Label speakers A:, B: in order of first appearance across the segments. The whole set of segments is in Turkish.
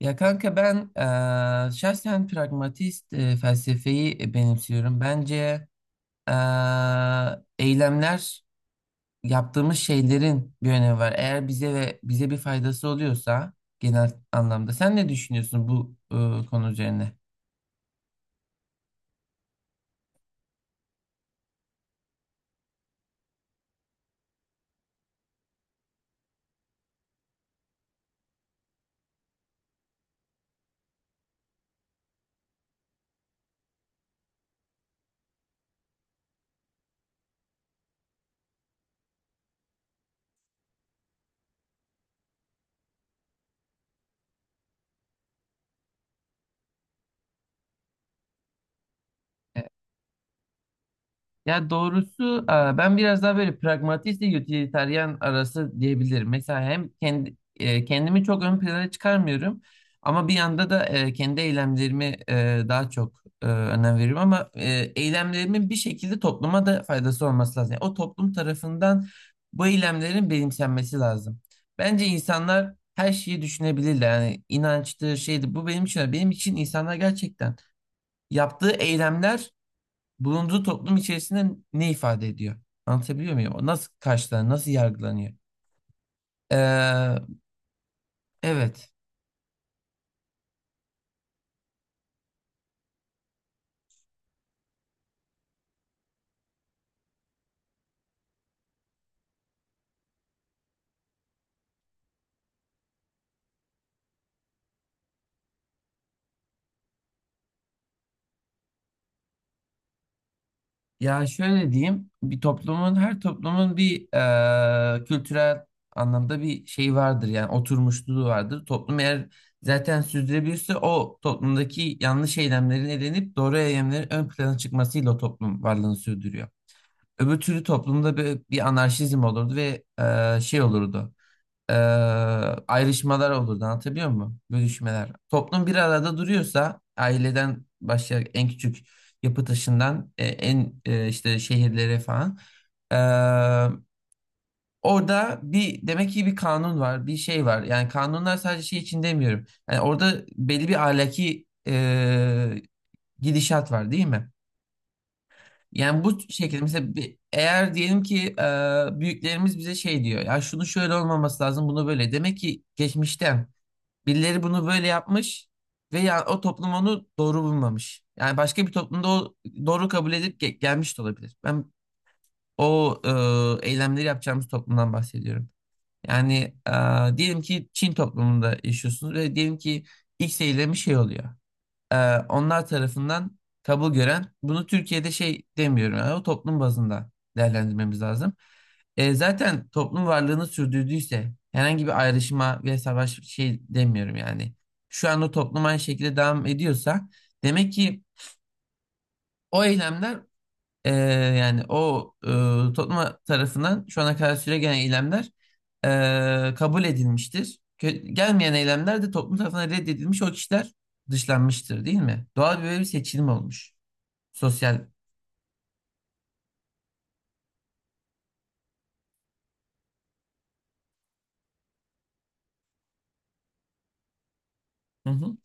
A: Ya kanka ben şahsen pragmatist felsefeyi benimsiyorum. Bence eee, eylemler yaptığımız şeylerin bir önemi var. Eğer bize bir faydası oluyorsa genel anlamda. Sen ne düşünüyorsun bu konu üzerine? Ya doğrusu ben biraz daha böyle pragmatist ile utilitarian arası diyebilirim. Mesela hem kendimi çok ön plana çıkarmıyorum ama bir yanda da kendi eylemlerimi daha çok önem veriyorum ama eylemlerimin bir şekilde topluma da faydası olması lazım. Yani o toplum tarafından bu eylemlerin benimsenmesi lazım. Bence insanlar her şeyi düşünebilirler. Yani inançtır, şeydir. Bu benim için. Benim için insanlar gerçekten yaptığı eylemler bulunduğu toplum içerisinde ne ifade ediyor? Anlatabiliyor muyum? O nasıl karşılanıyor, nasıl yargılanıyor? Ee, evet. Ya şöyle diyeyim, bir toplumun, her toplumun bir kültürel anlamda bir şey vardır yani oturmuşluğu vardır. Toplum eğer zaten sürdürebilirse o toplumdaki yanlış eylemlerin elenip doğru eylemlerin ön plana çıkmasıyla o toplum varlığını sürdürüyor. Öbür türlü toplumda bir anarşizm olurdu ve şey olurdu. e, ayrışmalar olurdu. Anlatabiliyor muyum? Bölüşmeler. Toplum bir arada duruyorsa aileden başlayarak en küçük yapı taşından en işte şehirlere falan. E, orada bir demek ki bir kanun var, bir şey var. Yani kanunlar sadece şey için demiyorum. Yani orada belli bir ahlaki gidişat var değil mi? Yani bu şekilde mesela eğer diyelim ki büyüklerimiz bize şey diyor ya şunu şöyle olmaması lazım bunu böyle demek ki geçmişten birileri bunu böyle yapmış ve ya, o toplum onu doğru bulmamış. Yani başka bir toplumda o doğru kabul edip gelmiş de olabilir. Ben o eylemleri yapacağımız toplumdan bahsediyorum. Yani diyelim ki Çin toplumunda yaşıyorsunuz ve diyelim ki X eylemi şey oluyor e, onlar tarafından kabul gören bunu Türkiye'de şey demiyorum yani o toplum bazında değerlendirmemiz lazım. Zaten toplum varlığını sürdürdüyse herhangi bir ayrışma ve savaş şey demiyorum yani. Şu an o toplum aynı şekilde devam ediyorsa demek ki o eylemler ee, yani o topluma tarafından şu ana kadar süre gelen eylemler kabul edilmiştir. Gelmeyen eylemler de toplum tarafından reddedilmiş o kişiler dışlanmıştır değil mi? Doğal böyle bir seçilim olmuş. Sosyal. Hı hı.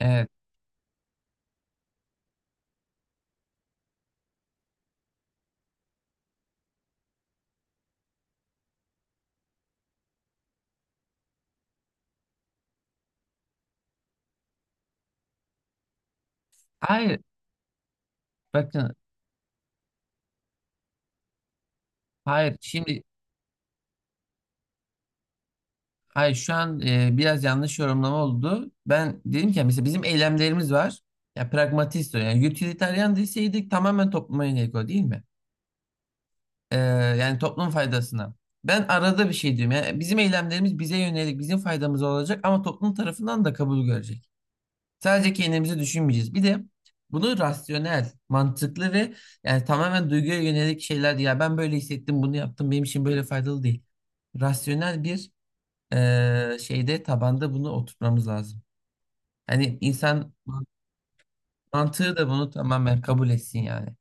A: Evet. Hayır. Bakın. Hayır. Şimdi hayır şu an biraz yanlış yorumlama oldu. Ben dedim ki mesela bizim eylemlerimiz var. Ya pragmatist o. Yani utilitarian deseydik tamamen topluma yönelik o değil mi? Ee, yani toplum faydasına. Ben arada bir şey diyorum. Yani bizim eylemlerimiz bize yönelik, bizim faydamız olacak ama toplum tarafından da kabul görecek. Sadece kendimizi düşünmeyeceğiz. Bir de bunu rasyonel, mantıklı ve yani tamamen duyguya yönelik şeyler değil. Ya ben böyle hissettim, bunu yaptım, benim için böyle faydalı değil. Rasyonel bir şeyde tabanda bunu oturtmamız lazım. Hani insan mantığı da bunu tamamen kabul etsin yani.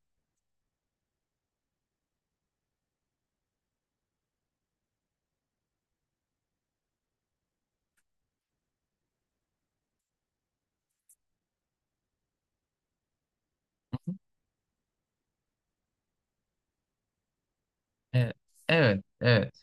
A: Evet, evet, evet.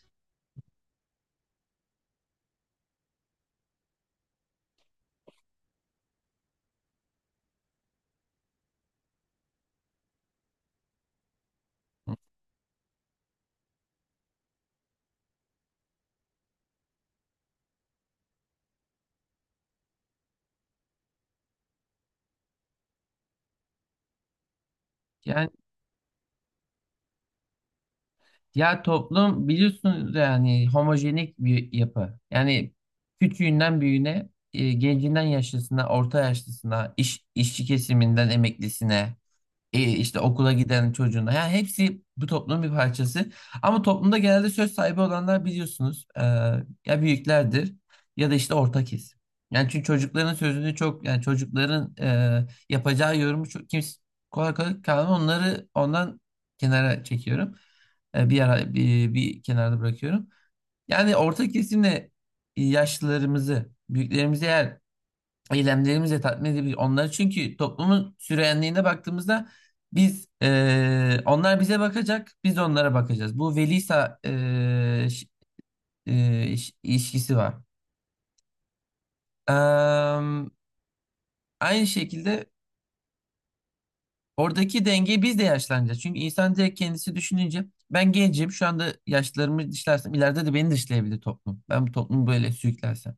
A: Yani Ya toplum biliyorsunuz yani homojenik bir yapı. Yani küçüğünden büyüğüne, gencinden yaşlısına, orta yaşlısına, işçi kesiminden emeklisine işte okula giden çocuğuna. Yani hepsi bu toplumun bir parçası. Ama toplumda genelde söz sahibi olanlar biliyorsunuz ya büyüklerdir ya da işte orta kesim. Yani çünkü çocukların sözünü çok yani çocukların yapacağı yorumu çok kimse kolay kolay kalmıyor. Onları ondan kenara çekiyorum. Bir ara bir kenarda bırakıyorum. Yani orta kesimle yaşlılarımızı, büyüklerimizi eğer eylemlerimizle tatmin edebilir onları. Çünkü toplumun süreyenliğine baktığımızda biz onlar bize bakacak, biz onlara bakacağız. Bu velisa ilişkisi var. Eee, aynı şekilde oradaki dengeyi biz de yaşlanacağız. Çünkü insan direkt kendisi düşününce ben gencim şu anda yaşlarımı dışlarsam ileride de beni dışlayabilir toplum. Ben bu toplumu böyle sürüklersem.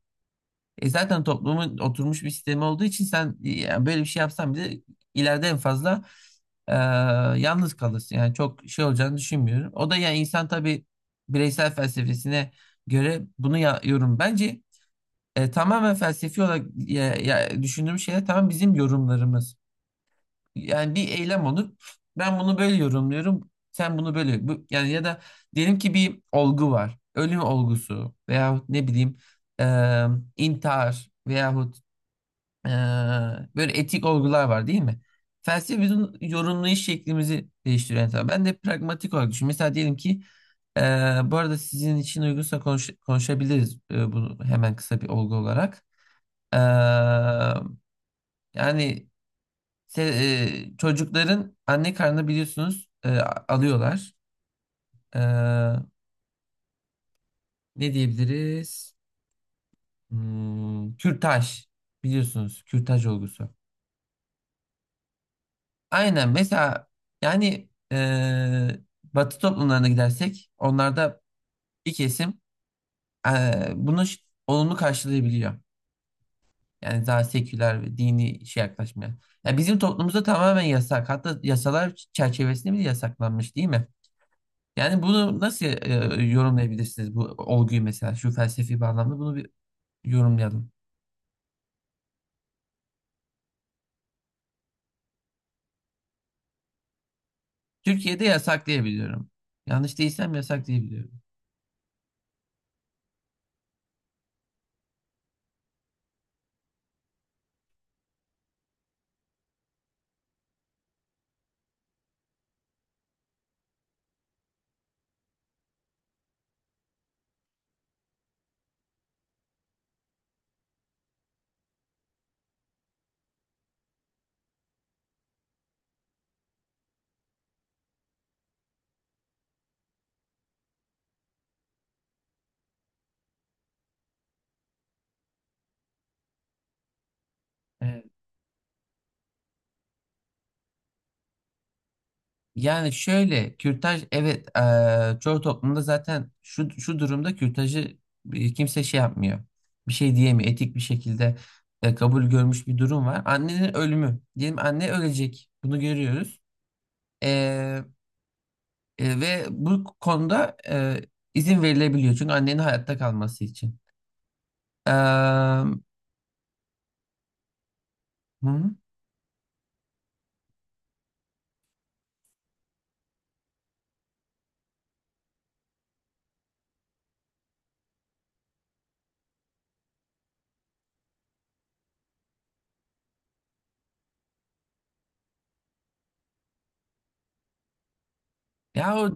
A: Zaten toplumun oturmuş bir sistemi olduğu için sen yani böyle bir şey yapsan bile ileride en fazla Ee, yalnız kalırsın. Yani çok şey olacağını düşünmüyorum. O da yani insan tabii bireysel felsefesine göre bunu yorum. Bence tamamen felsefi olarak ya, düşündüğüm şeyler tamam bizim yorumlarımız. Yani bir eylem olur. Ben bunu böyle yorumluyorum. Sen bunu böyle. Bu, yani ya da diyelim ki bir olgu var. Ölüm olgusu veyahut ne bileyim e, intihar veyahut ee, böyle etik olgular var değil mi? Felsefe bizim yorumlayış şeklimizi değiştiriyor. Yani ben de pragmatik olarak düşünüyorum. Mesela diyelim ki e, bu arada sizin için uygunsa konuşabiliriz bunu hemen kısa bir olgu olarak. Ee, yani se- çocukların anne karnına biliyorsunuz alıyorlar. Ee, ne diyebiliriz? Kürtaj biliyorsunuz kürtaj olgusu. Aynen mesela yani Batı toplumlarına gidersek onlarda bir kesim bunu olumlu karşılayabiliyor. Yani daha seküler ve dini şey yaklaşmaya. Yani bizim toplumumuzda tamamen yasak. Hatta yasalar çerçevesinde bile yasaklanmış değil mi? Yani bunu nasıl yorumlayabilirsiniz bu olguyu mesela şu felsefi bağlamda bunu bir yorumlayalım. Türkiye'de yasak diyebiliyorum. Yanlış değilsem yasak diyebiliyorum. Yani şöyle kürtaj evet çoğu toplumda zaten şu durumda kürtajı kimse şey yapmıyor. Bir şey diyemiyor. Etik bir şekilde kabul görmüş bir durum var. Annenin ölümü. Diyelim anne ölecek. Bunu görüyoruz. Eee, ve bu konuda izin verilebiliyor. Çünkü annenin hayatta kalması için. Eee, hı. Ya o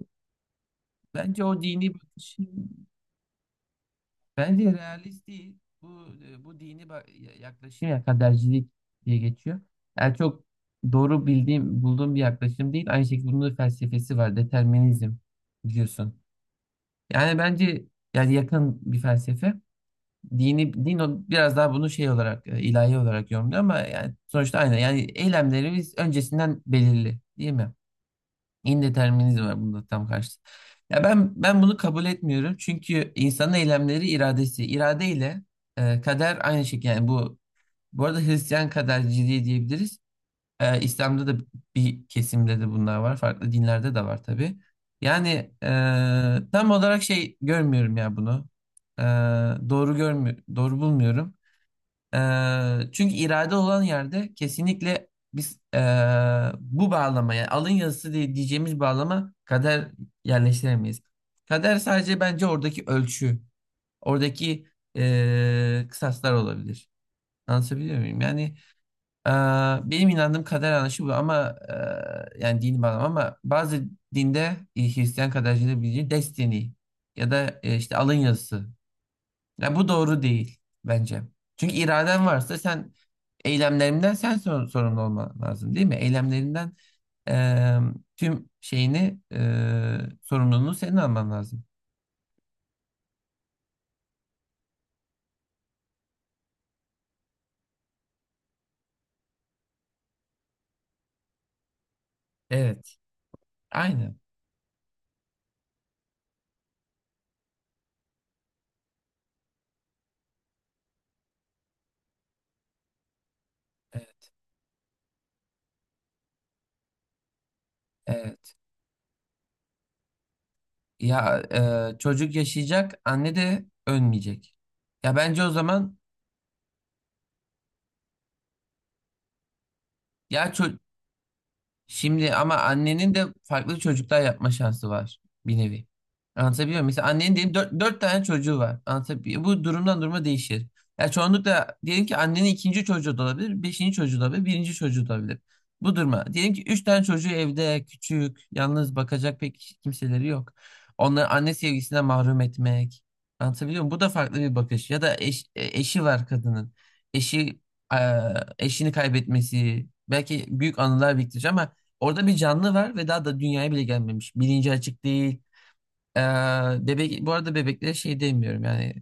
A: bence o dini bakış. Bence realist değil. Bu dini yaklaşım ya kadercilik diye geçiyor. Yani çok doğru bildiğim, bulduğum bir yaklaşım değil. Aynı şekilde bunun da felsefesi var. Determinizm biliyorsun. Yani bence yani yakın bir felsefe. Dini biraz daha bunu şey olarak ilahi olarak yorumluyor ama yani sonuçta aynı. Yani eylemlerimiz öncesinden belirli, değil mi? İndeterminizm var bunda tam karşı. Ya ben bunu kabul etmiyorum. Çünkü insanın eylemleri iradesi. İradeyle kader aynı şekilde. Yani bu arada Hristiyan kaderciliği diyebiliriz. İslam'da da bir kesimde de bunlar var. Farklı dinlerde de var tabii. Yani tam olarak şey görmüyorum ya bunu. E, doğru bulmuyorum. Çünkü irade olan yerde kesinlikle biz bu bağlama yani alın yazısı diye diyeceğimiz bağlama kader yerleştiremeyiz. Kader sadece bence oradaki ölçü, oradaki kısaslar olabilir. Anlatabiliyor muyum? Yani eee, benim inandığım kader anlayışı bu ama yani dini bağlam ama bazı dinde Hristiyan kadercilerin bildiği destiny ya da işte alın yazısı ya bu doğru değil bence. Çünkü iraden varsa sen eylemlerinden sen sorumlu olman lazım değil mi? Eylemlerinden eee, tüm şeyini sorumluluğunu senin alman lazım. Evet. Aynen. Evet. Evet. Ya çocuk yaşayacak, anne de ölmeyecek. Ya bence o zaman. ya ço- Şimdi ama annenin de farklı çocuklar yapma şansı var bir nevi. Anlatabiliyor muyum? Mesela annenin diyelim dört tane çocuğu var. Anlatabiliyor muyum? Bu durumdan duruma değişir. Ya çoğunlukla diyelim ki annenin ikinci çocuğu da olabilir, beşinci çocuğu da olabilir, birinci çocuğu da olabilir. Bu duruma. Diyelim ki üç tane çocuğu evde, küçük, yalnız bakacak pek kimseleri yok. Onları anne sevgisinden mahrum etmek. Anlatabiliyor muyum? Bu da farklı bir bakış. Ya da eşi var kadının. Eşi, e, eşini kaybetmesi. Belki büyük anılar biriktirecek ama orada bir canlı var ve daha da dünyaya bile gelmemiş. Bilinci açık değil. Ee, bebek, bu arada bebeklere şey demiyorum yani.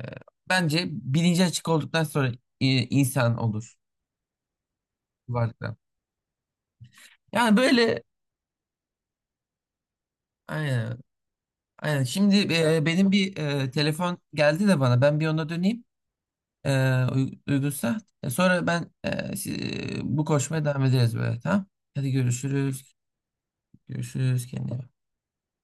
A: e, bence bilinci açık olduktan sonra insan olur varlıklar. Yani böyle aynen, aynen. Şimdi benim bir telefon geldi de bana. Ben bir ona döneyim. E, uygunsa. Sonra ben bu koşmaya devam ederiz böyle. Tamam. Hadi görüşürüz. Görüşürüz. Kendine iyi bak.